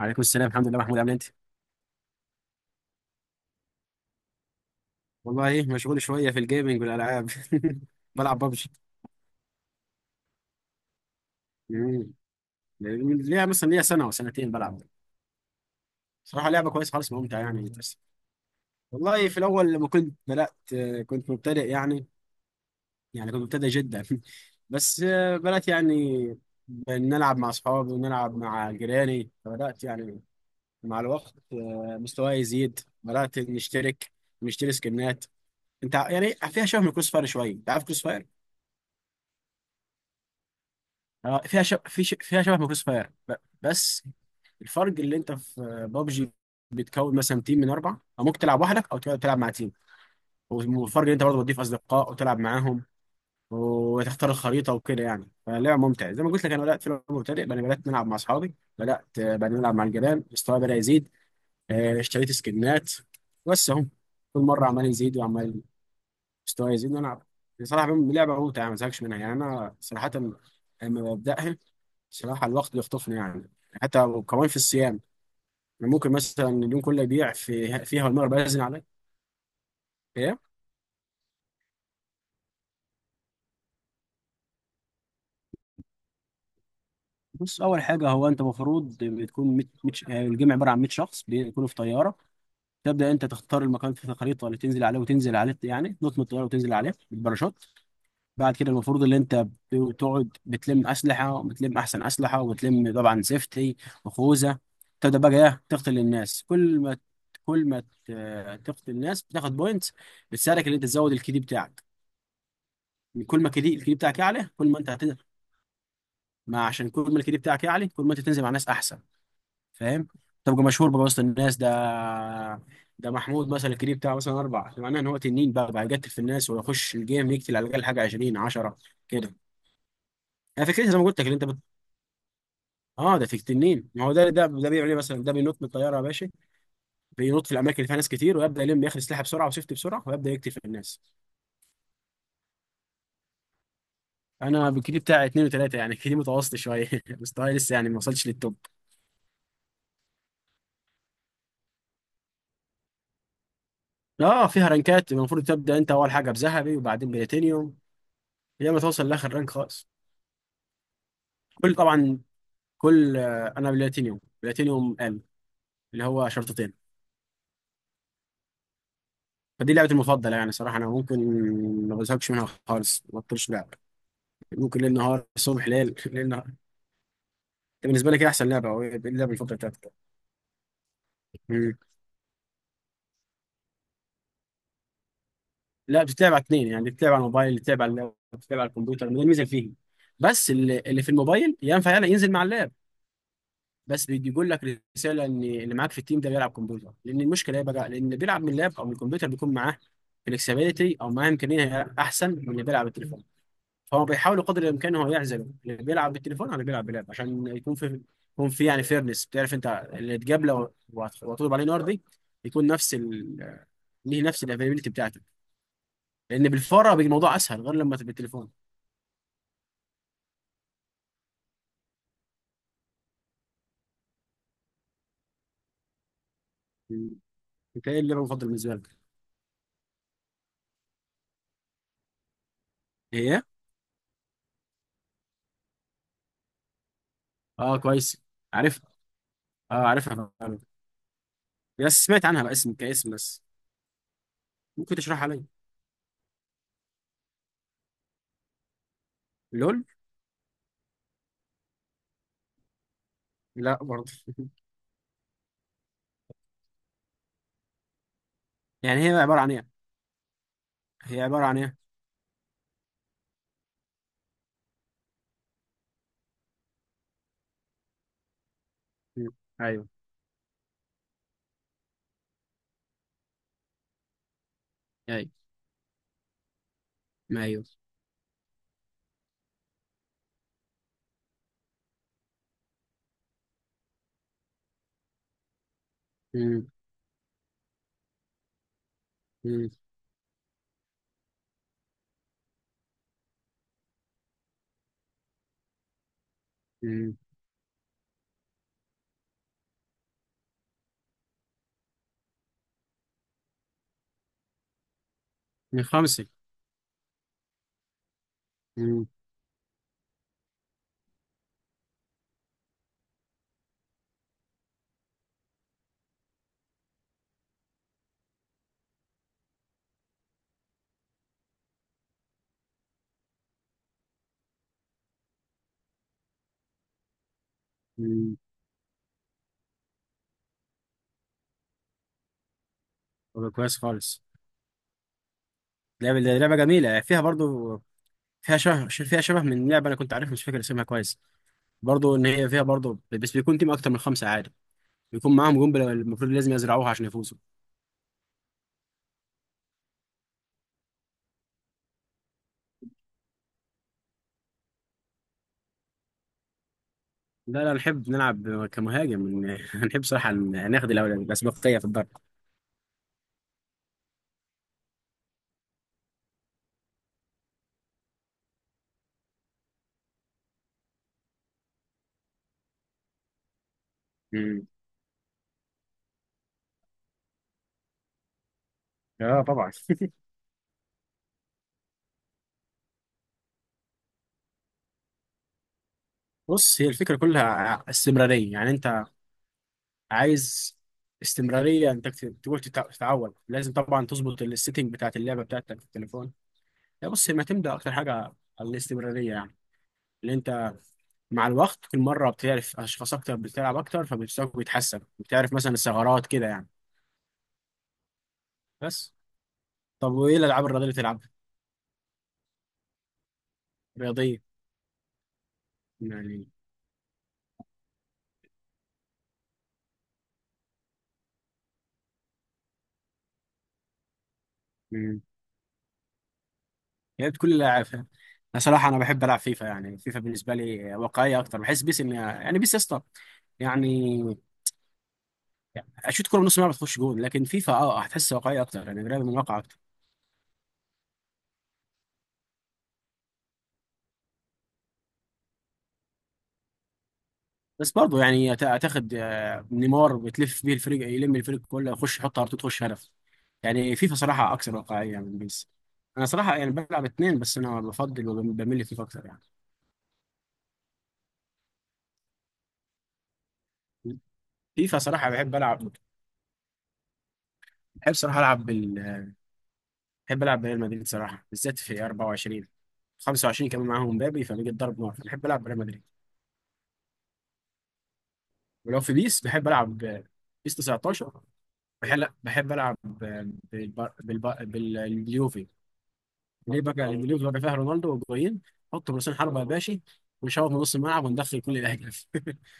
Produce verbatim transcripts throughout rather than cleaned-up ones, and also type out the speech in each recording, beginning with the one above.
عليكم السلام، الحمد لله. محمود، عامل انت؟ والله ايه؟ مشغول شويه في الجيمنج والالعاب. بلعب ببجي. ليها مثلا ليها سنه وسنتين بلعب. صراحه لعبه كويسه خالص، ممتعه يعني، بس. والله في الاول لما كنت بدات، آه، كنت مبتدئ يعني. يعني كنت مبتدئ جدا. بس، آه، بدات يعني نلعب مع اصحابي، ونلعب مع جيراني، فبدات يعني مع الوقت، آه، مستواي يزيد، بدات نشترك، نشتري سكنات. انت ع- يعني فيها شبه من كروس فاير شويه. انت عارف كروس؟ اه، فيها شب... في ش... فيها شبه من كروس فاير، ب... بس. الفرق اللي انت في بابجي بتكون مثلا تيم من اربعه، او ممكن تلعب وحدك، او تقعد تلعب مع تيم. والفرق اللي انت برضه بتضيف اصدقاء وتلعب معاهم، وتختار الخريطه وكده يعني. فلعبه ممتعه. زي ما قلت لك، انا بدات في لعبه مبتدئ، بعدين بدات نلعب مع اصحابي، بدات آه، بعدين نلعب مع الجيران، مستواي بدا يزيد. آه، اشتريت سكنات. بس اهو، كل مره عمال يزيد، وعمال مستواي يزيد. وانا بصراحه، لعبه ممتعه ما زهقش منها يعني. انا صراحه لما ببداها، بصراحة الوقت بيخطفني يعني. حتى كمان في الصيام، يعني ممكن مثلا اليوم كله يضيع في فيها، والمغرب أذن عليك. ايه. بص، اول حاجه، هو انت المفروض بتكون مت... مت... الجمع عباره عن 100 شخص بيكونوا في طياره. تبدا انت تختار المكان في الخريطه اللي تنزل عليه، وتنزل عليه يعني، تنط من الطياره وتنزل عليه بالباراشوت. بعد كده المفروض ان انت بتقعد بتلم اسلحه، وبتلم احسن اسلحه، وبتلم طبعا سيفتي وخوذه. تبدا بقى، ايه، تقتل الناس. كل ما كل ما ت- تقتل الناس بتاخد بوينتس، بتساعدك ان انت تزود الكي دي بتاعك. كل ما الكي دي بتاعك يعلى، كل ما انت هتنزل. ما عشان كل ما الكي دي بتاعك يعلى، كل ما انت تنزل مع ناس احسن. فاهم؟ تبقى مشهور بقى وسط الناس. ده ده محمود مثلا، الكي دي بتاعه مثلا اربعه، معناه ان هو تنين بقى بقى يقتل في الناس، ويخش الجيم يقتل على الاقل حاجه عشرين عشرة كده. انا فكرتي زي ما قلت لك اللي انت. اه، ده في التنين، ما هو ده ده ده بيعمل ايه مثلا؟ ده بينط من الطياره يا باشا، بينط في الاماكن اللي فيها ناس كتير، ويبدا يلم، ياخد سلاحه بسرعه وسيفتي بسرعه، ويبدا يقتل في الناس. انا بالكيدي بتاعي اتنين وتلاته، يعني كيدي متوسط شويه. مستواي لسه يعني ما وصلش للتوب. اه فيها رانكات، المفروض تبدا انت اول حاجه بذهبي، وبعدين بلاتينيوم، لما ما توصل لاخر رانك خالص. كل، طبعا، كل، آه، انا بلاتينيوم بلاتينيوم ال اللي هو شرطتين. فدي لعبتي المفضله يعني. صراحه انا ممكن ما بزهقش منها خالص، ما بطلش لعب. ممكن ليل نهار، الصبح ليل ليل نهار. بالنسبه لك، ايه احسن لعبه؟ او ايه اللعبه المفضله بتاعتك؟ مم. لا، بتتلعب على اتنين، يعني بتتلعب على الموبايل، بتتلعب على اللاب، بتتلعب على الكمبيوتر، ما دي الميزه اللي فيه. بس اللي, اللي في الموبايل ينفع يلا ينزل مع اللاب. بس بيجي يقول لك رساله ان اللي معاك في التيم ده بيلعب كمبيوتر، لان المشكله ايه بقى، لان اللي بيلعب من اللاب او من الكمبيوتر بيكون معاه فلكسبيتي، او معاه امكانيه احسن من اللي بيلعب بالتليفون. فهو بيحاول قدر الامكان هو يعزله، اللي بيلعب بالتليفون على اللي بيلعب بلاب، عشان يكون في، يكون في يعني فيرنس، بتعرف انت اللي تجابله وهتغلب عليه نار دي. يكون نفس، ليه نفس الافيلابيلتي بتاعتك. لان بالفاره بيجي الموضوع اسهل، غير لما تبقى بالتليفون. بتلاقي اللعبه المفضل بالنسبه لك. هي. اه كويس، عارفها. اه عارفها فعلا. بس سمعت عنها باسم كاسم، بس ممكن تشرحها لي؟ لول؟ لا برضه. يعني هي عباره عن ايه؟ هي عباره عن ايه؟ مم. ايوه. ايوه، ما ايوه. مم. مم. مم. من خمسه. مم. مم. طب كويس خالص. لعبه لعبه جميله. فيها برضه، فيها شبه فيها شبه من لعبه انا كنت عارفها، مش فاكر اسمها كويس. برضه ان هي فيها برضه، بس بيكون تيم اكتر من خمسه عادي. يكون معاهم جون، بلا- المفروض لازم يزرعوها عشان يفوزوا. لا لا، نحب نلعب كمهاجم. نحب صراحة ناخد الأول- الأسبقية في الضرب. مم. اه طبعا. بص، هي الفكرة كلها، ع- استمرارية يعني. انت عايز استمرارية. انت كت- تقول، تتع- تتعود، لازم طبعا تظبط السيتنج بتاعت اللعبة بتاعتك في التليفون. لا بص، هي معتمدة أكتر حاجة على الاستمرارية، يعني اللي انت مع الوقت كل مرة بتعرف أشخاص أكتر، بتلعب أكتر، فمستواك بيتحسن، بتعرف مثلا الثغرات كده يعني. بس، طب وإيه الألعاب الرياضية اللي بتلعبها؟ رياضية يعني. مم. يا ريت كل اللاعب فاهم. انا صراحه انا بحب العب فيفا. يعني فيفا بالنسبه لي واقعيه اكتر، بحس بيس ان يعني، بيس يا اسطى، يعني اشوط كوره من نص الملعب تخش جون، لكن فيفا اه هتحس واقعيه اكتر، يعني قريبه من الواقع اكتر. بس برضه يعني، هت- هتاخد آه، نيمار بتلف بيه الفريق، يلم الفريق كله يخش يحط ار، تخش هدف. يعني فيفا صراحه اكثر واقعيه من بيس. انا صراحه يعني بلعب اتنين، بس انا بفضل وبميل لفيفا اكتر يعني. فيفا صراحه بحب العب، بحب صراحه العب، بحب العب بريال مدريد صراحه، بالذات في أربعة وعشرين خمس وعشرين، كمان معاهم مبابي فبيجي الضرب نار. بحب العب بريال مدريد. ولو في بيس بحب العب، آه، بيس تسعة عشر. بحب، لا، بحب العب، آه، بالب- بالب- باليوفي. ليه بقى؟ لأن اليوفي بقى فيها رونالدو وجوين، حط راسين حربه يا باشا، ونشوط من نص الملعب وندخل كل الاهداف.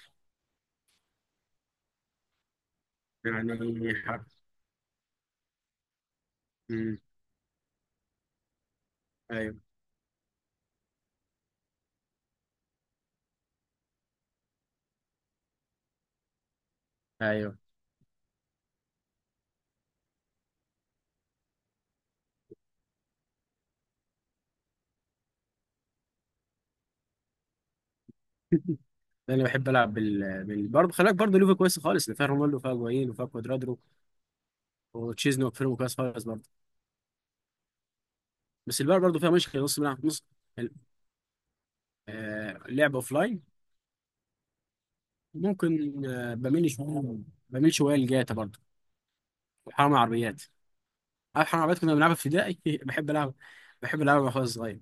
يعني حرب. مم. ايوه، ايوه. انا بحب العب بال, بال... برضه خلاك برضه ليفا كويس خالص، اللي فيها رونالدو وفيها جوين وفيها كوادرادو وتشيزني وفيرمو، كويس خالص برضه. بس البايرن برضه فيها مشكله، نص ملعب نص. آه، اللعب اوف لاين ممكن، آه، بميل شويه بميل شويه لجاتا برضه، وحرام عربيات. عارف حرام عربيات؟ كنا بنلعبها في ابتدائي. بحب العب بحب العبها وانا صغير.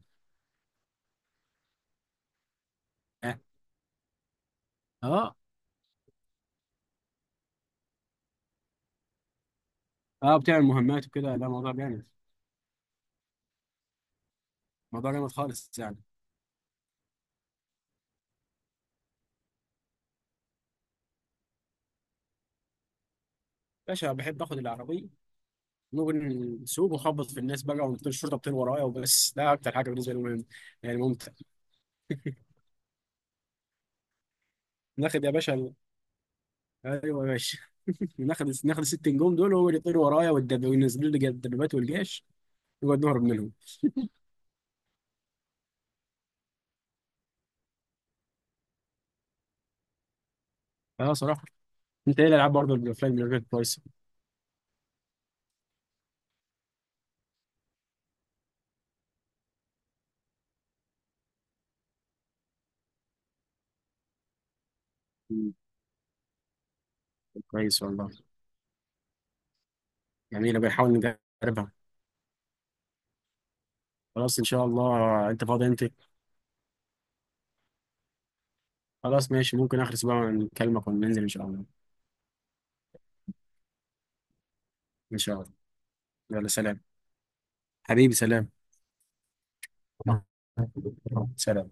اه. اه. آه، بتعمل مهمات وكده؟ لا، موضوع جامد. موضوع جامد خالص يعني. باشا، بحب اخد العربيه. ممكن نسوق وخبط في الناس بقى، ونطير. الشرطه بتطير ورايا، وبس. ده اكتر حاجه بالنسبه لي مهم، يعني ممتع. ناخد يا باشا. ايوه يا باشا. ناخد ناخد الست نجوم دول، وهو اللي يطير ورايا، والدب... وينزلوا لي الدبابات والجيش، ويقعد نهرب منهم. اه صراحه. انت ايه الالعاب برضه، الافلام اللي غير، كويسه؟ مم، كويس والله. جميله، بنحاول نجربها. خلاص ان شاء الله. انت فاضي انت؟ خلاص ماشي، ممكن اخر اسبوع نكلمك وننزل ان شاء الله. ان شاء الله. يلا سلام. حبيبي سلام. سلام.